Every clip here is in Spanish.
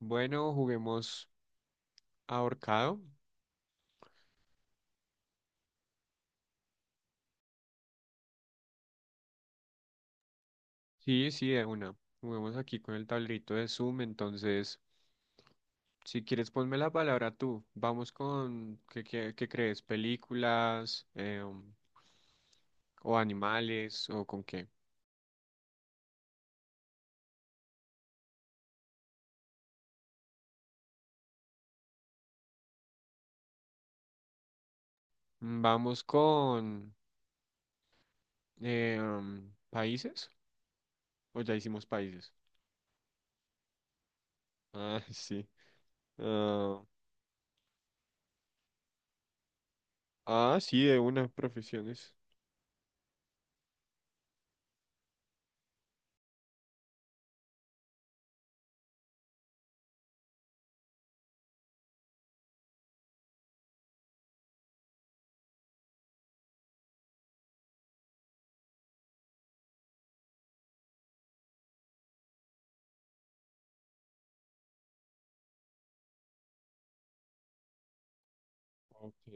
Bueno, juguemos ahorcado. Sí, sí, de una. Juguemos aquí con el tablerito de Zoom. Entonces, si quieres, ponme la palabra tú. Vamos con, ¿qué crees? ¿Películas o animales o con qué? Vamos con países. ¿O ya hicimos países? Ah, sí. ah, sí, de una, profesiones. Ok.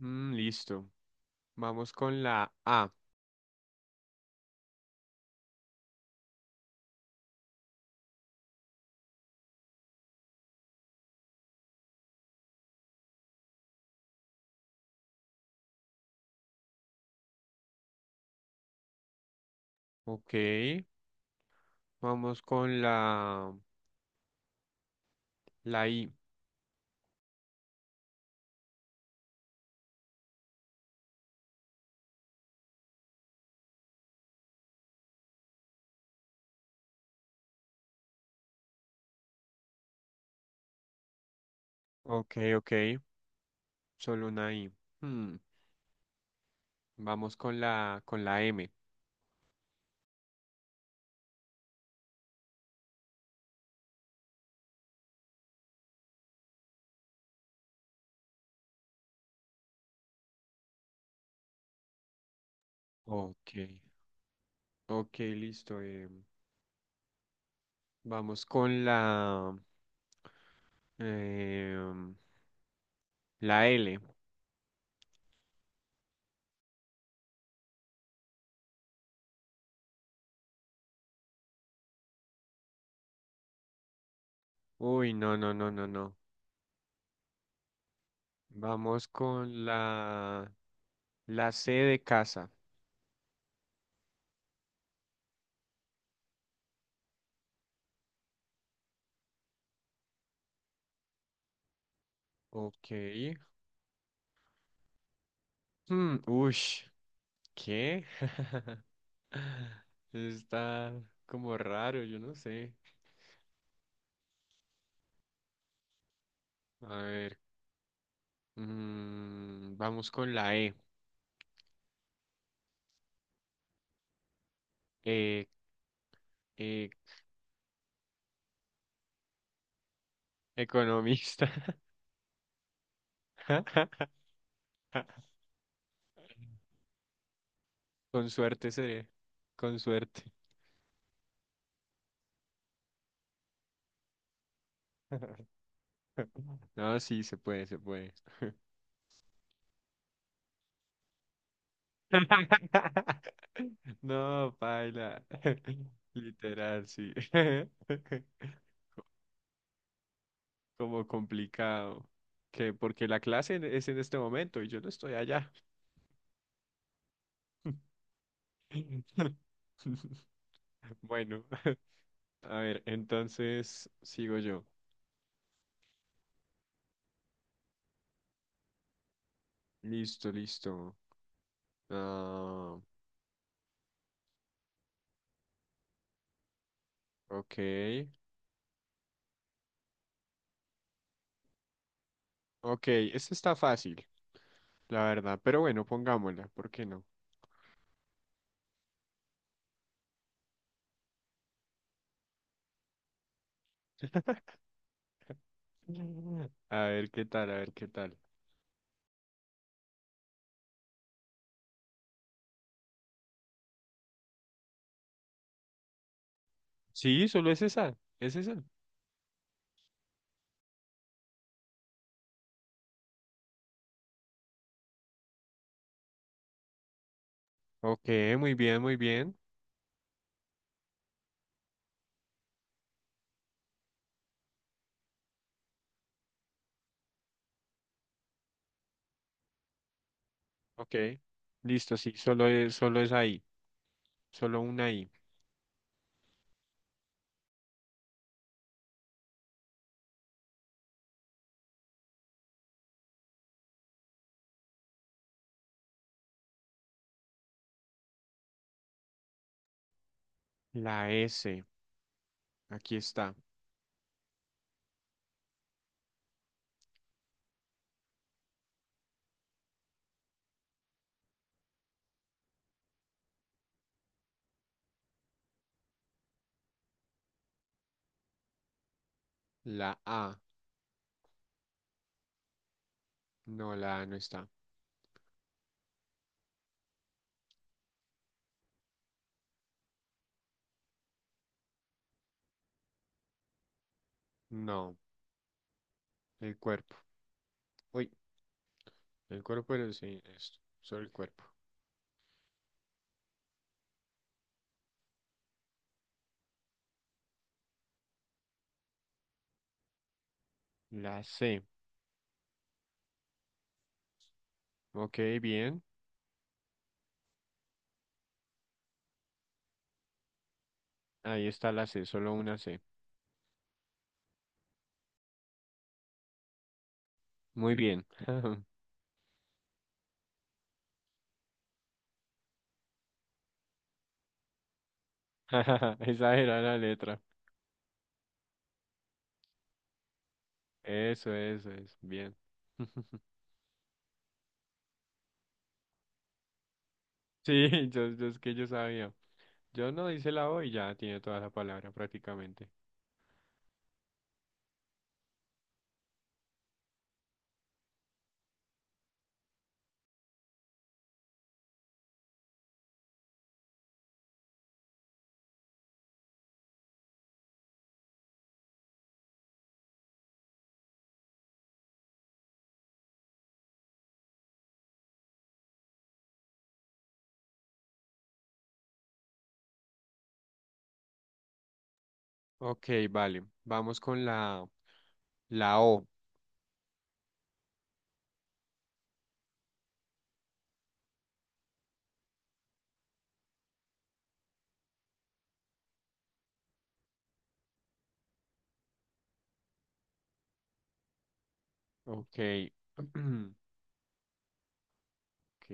Mm, listo. Vamos con la A. Ok. Vamos con la... La I. Ok, ok. Solo una I. Hmm, Vamos con la M. Ok. Ok, listo. Vamos con em, la L. Uy, no, no, no, no, no. Vamos con la C de casa. Ok. Hmm, ush, ¿Qué? Está como raro, yo no sé. A ver. Vamos con la E. Eh, eh, Economista. Con suerte seré. Con suerte. No, sí, se puede, se puede. No, paila. Literal, sí. Como complicado. Que porque es en este momento y yo no estoy allá. Bueno, a ver, entonces sigo yo. Listo, listo. Ah, ok. Ok, esta está fácil, la verdad, pero bueno, pongámosla, ¿por qué no? A ver qué tal, a ver qué tal. Sí, solo es esa, es esa. Ok, muy bien, muy bien. Ok, listo, sí, solo es ahí, solo una I. La S, aquí está. La A, no, la A no está. No, el cuerpo. Uy, el cuerpo, pero sí, esto, solo el cuerpo. La C, ok, bien. Ahí está la C, solo una C. Muy bien. Esa era la letra. Eso, es. Bien. Sí, yo es que yo sabía. Yo no hice la O y ya tiene toda la palabra prácticamente. Ok, vale. Vamos con la O. Ok. Ok,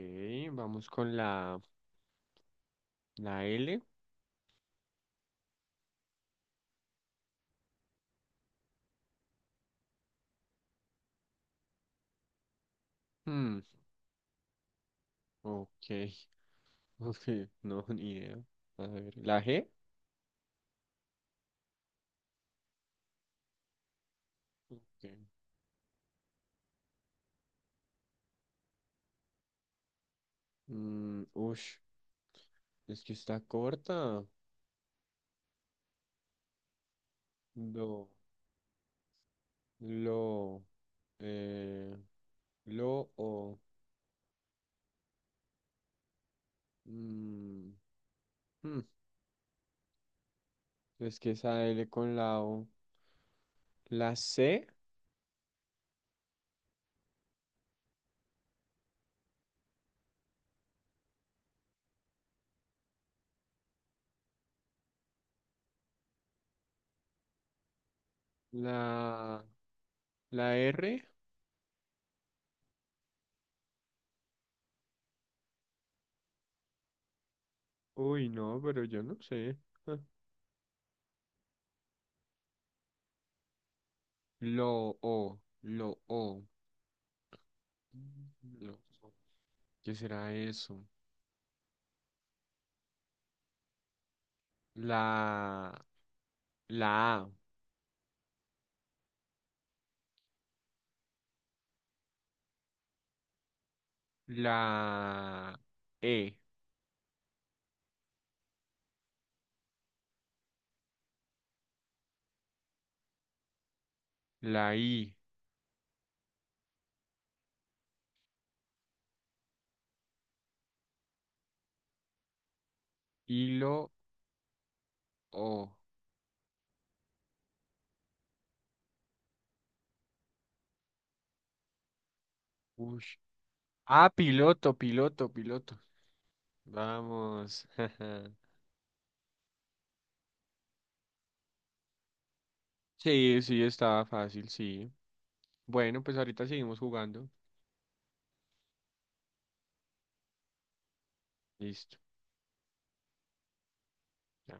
vamos con la L. Hmm, ok. Ok, no, ni idea. A ver, la G. Ok. Mm, ush, es que está corta. Lo, lo, eh, Lo o. Mm, hmm, es que esa L con la O. La C, la, la R. Uy, no, pero yo no sé. Ah, Lo o. Lo o. Lo o. ¿Qué será eso? La, la A, la E, la I, y lo O. Ush. Ah, piloto, piloto, piloto. Vamos. Sí, sí, estaba fácil, sí. Bueno, pues ahorita seguimos jugando. Listo. Ya.